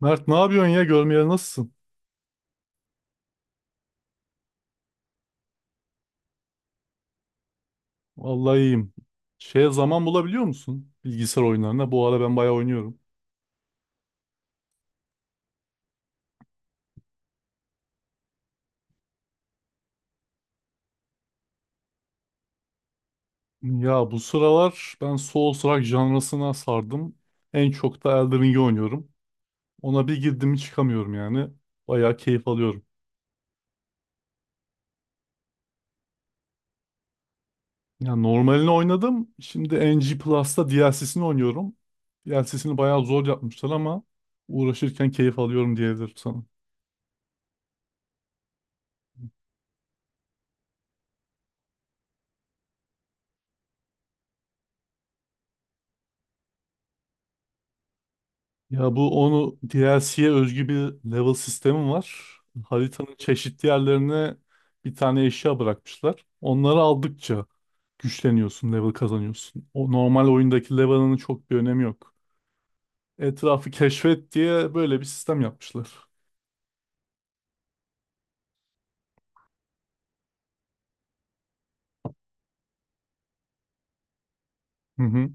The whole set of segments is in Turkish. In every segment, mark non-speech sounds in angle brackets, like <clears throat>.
Mert ne yapıyorsun ya? Görmeyeli nasılsın? Vallahi iyiyim. Şeye zaman bulabiliyor musun? Bilgisayar oyunlarına. Bu ara ben bayağı oynuyorum. Ya bu sıralar ben Souls-like janrasına sardım. En çok da Elden Ring'i oynuyorum. Ona bir girdim mi çıkamıyorum yani. Bayağı keyif alıyorum. Ya normalini oynadım. Şimdi NG Plus'ta DLC'sini oynuyorum. DLC'sini bayağı zor yapmışlar ama uğraşırken keyif alıyorum diyebilirim sana. Ya bu onu DLC'ye özgü bir level sistemi var. Haritanın çeşitli yerlerine bir tane eşya bırakmışlar. Onları aldıkça güçleniyorsun, level kazanıyorsun. O normal oyundaki level'ının çok bir önemi yok. Etrafı keşfet diye böyle bir sistem yapmışlar. Hı hı.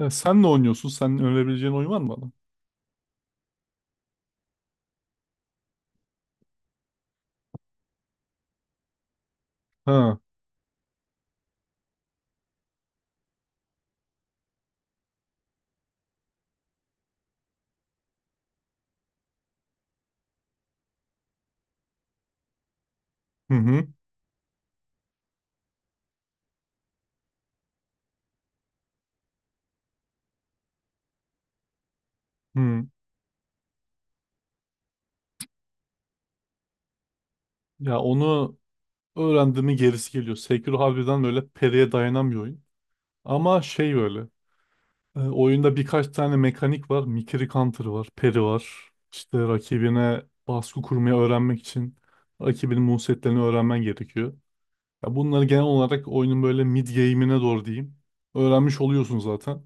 E, sen ne oynuyorsun? Sen önerebileceğin oyun var mı bana? Ha. Hı hı. Hı. Ya onu öğrendiğimin gerisi geliyor. Sekiro harbiden böyle periye dayanan bir oyun. Ama şey böyle. E, oyunda birkaç tane mekanik var. Mikiri Counter var, Peri var. İşte rakibine baskı kurmayı öğrenmek için rakibinin move öğrenmen gerekiyor. Ya bunları genel olarak oyunun böyle mid game'ine doğru diyeyim. Öğrenmiş oluyorsun zaten.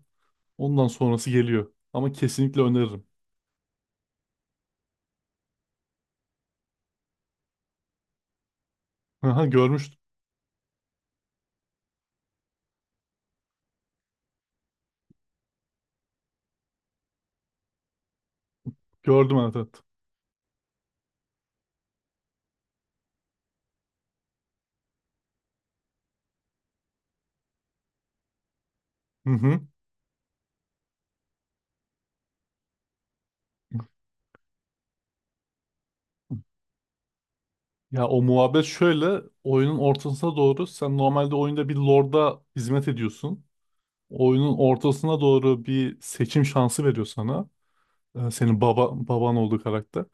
Ondan sonrası geliyor. Ama kesinlikle öneririm. Aha, görmüştüm. Gördüm, evet, evet. Hı hı. Ya o muhabbet şöyle. Oyunun ortasına doğru sen normalde oyunda bir lorda hizmet ediyorsun. Oyunun ortasına doğru bir seçim şansı veriyor sana. Senin baba baban olduğu karakter.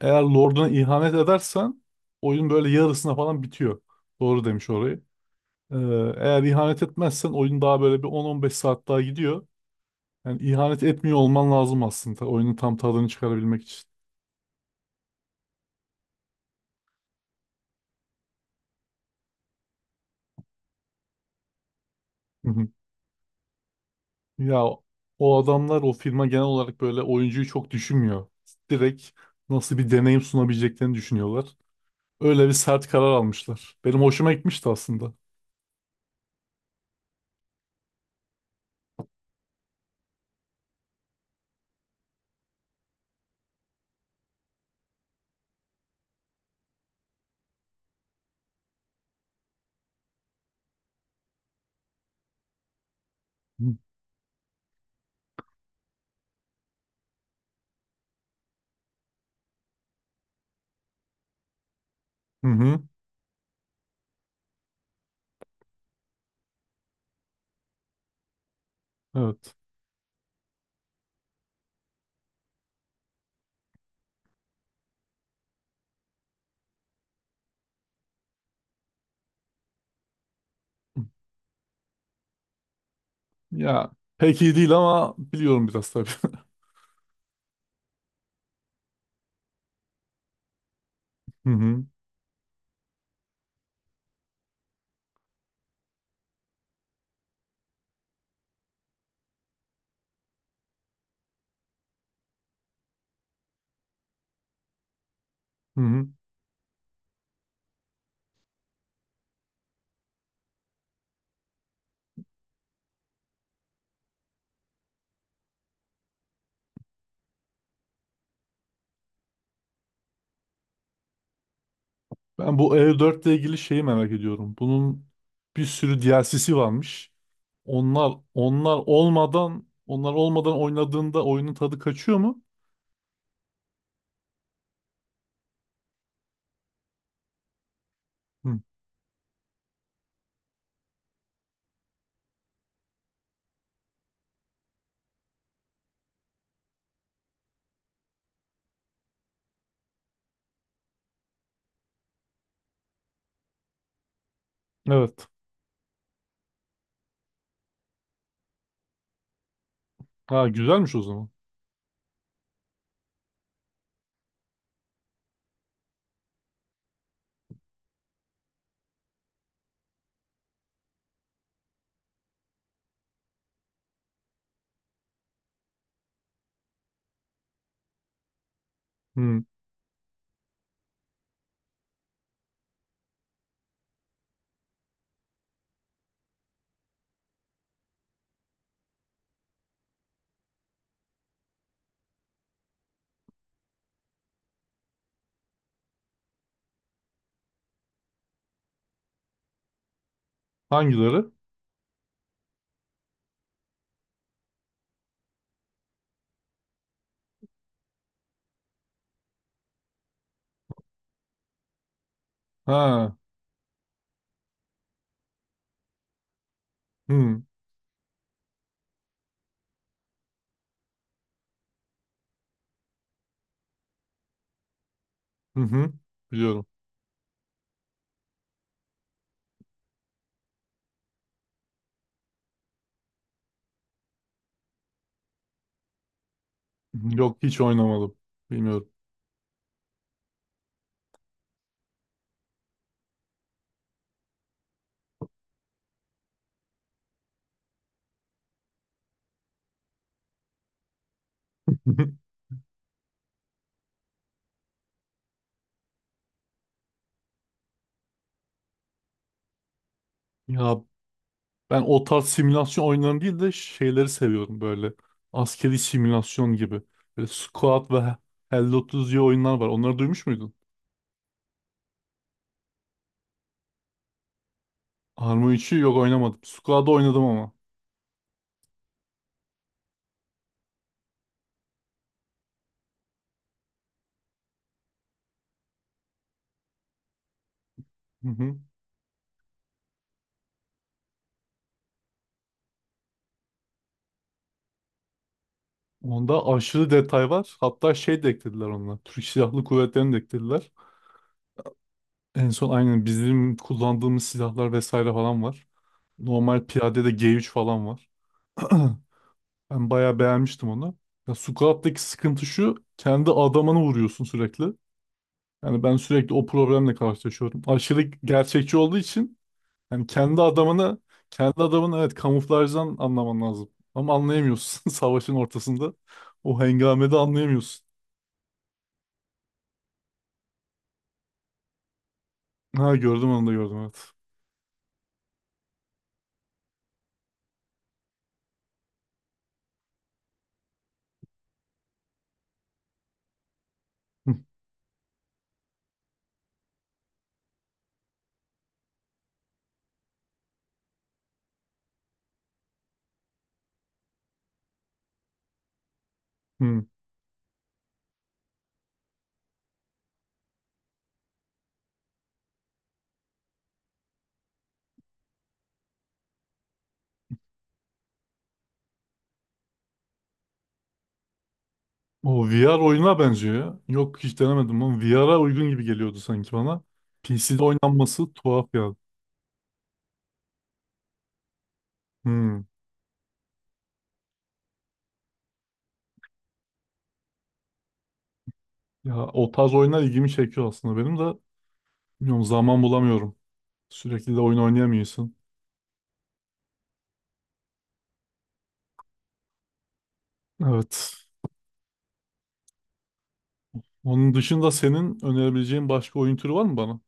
Eğer Lord'una ihanet edersen oyun böyle yarısına falan bitiyor. Doğru demiş orayı. Ee, Eğer ihanet etmezsen oyun daha böyle bir 10-15 saat daha gidiyor. Yani ihanet etmiyor olman lazım aslında oyunun tam tadını çıkarabilmek için. <laughs> Hı hı. Ya o adamlar, o firma, genel olarak böyle oyuncuyu çok düşünmüyor. Direkt nasıl bir deneyim sunabileceklerini düşünüyorlar. Öyle bir sert karar almışlar. Benim hoşuma gitmişti aslında. Hı hı. Hı. Evet. Ya pek iyi değil ama biliyorum biraz tabii. <laughs> Hı hı. Hı hı. Ben bu E4 ile ilgili şeyi merak ediyorum. Bunun bir sürü DLC'si varmış. Onlar olmadan oynadığında oyunun tadı kaçıyor mu? Hı. Evet. Ha, güzelmiş o zaman. Hı. Hangileri? Ha. Hı. Hı hı. Biliyorum. Yok, hiç oynamadım. Bilmiyorum. <laughs> Ya ben o tarz simülasyon oyunlarını değil de şeyleri seviyorum böyle. Askeri simülasyon gibi. Böyle Squad ve Hello Tuesday oyunlar var. Onları duymuş muydun? Arma 3'ü yok, oynamadım. Squad'da oynadım ama. Hı hı. Onda aşırı detay var. Hatta şey de eklediler onlar. Türk Silahlı Kuvvetleri'ni de eklediler. En son aynen bizim kullandığımız silahlar vesaire falan var. Normal piyadede G3 falan var. <clears throat> Ben bayağı beğenmiştim onu. Ya Squad'daki sıkıntı şu. Kendi adamını vuruyorsun sürekli. Yani ben sürekli o problemle karşılaşıyorum. Aşırı gerçekçi olduğu için. Yani kendi adamını, evet, kamuflajdan anlaman lazım. Ama anlayamıyorsun <laughs> savaşın ortasında. O hengamede anlayamıyorsun. Ha, gördüm, onu da gördüm, evet. Hı, hı. O VR oyuna benziyor ya. Yok, hiç denemedim ama VR'a uygun gibi geliyordu sanki bana. PC'de oynanması tuhaf geldi. Hı. Ya o tarz oyunlar ilgimi çekiyor aslında benim de. Bilmiyorum, zaman bulamıyorum. Sürekli de oyun oynayamıyorsun. Evet. Onun dışında senin önerebileceğin başka oyun türü var mı bana?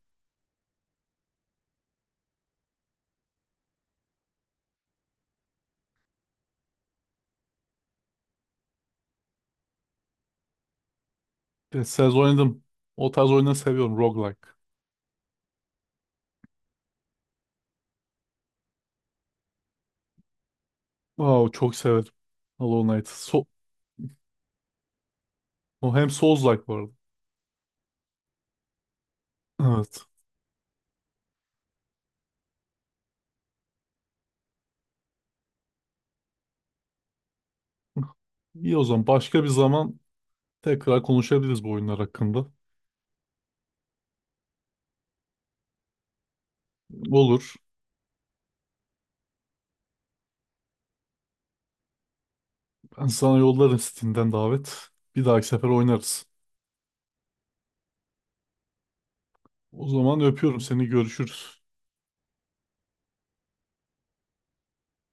Deniz oynadım. O tarz oyunları seviyorum. Roguelike. Wow, çok severim. Hollow Knight. So o hem Souls-like bu arada. Evet. İyi, o zaman. Başka bir zaman tekrar konuşabiliriz bu oyunlar hakkında. Olur. Ben sana yollarım Steam'den davet. Bir dahaki sefer oynarız. O zaman öpüyorum seni. Görüşürüz.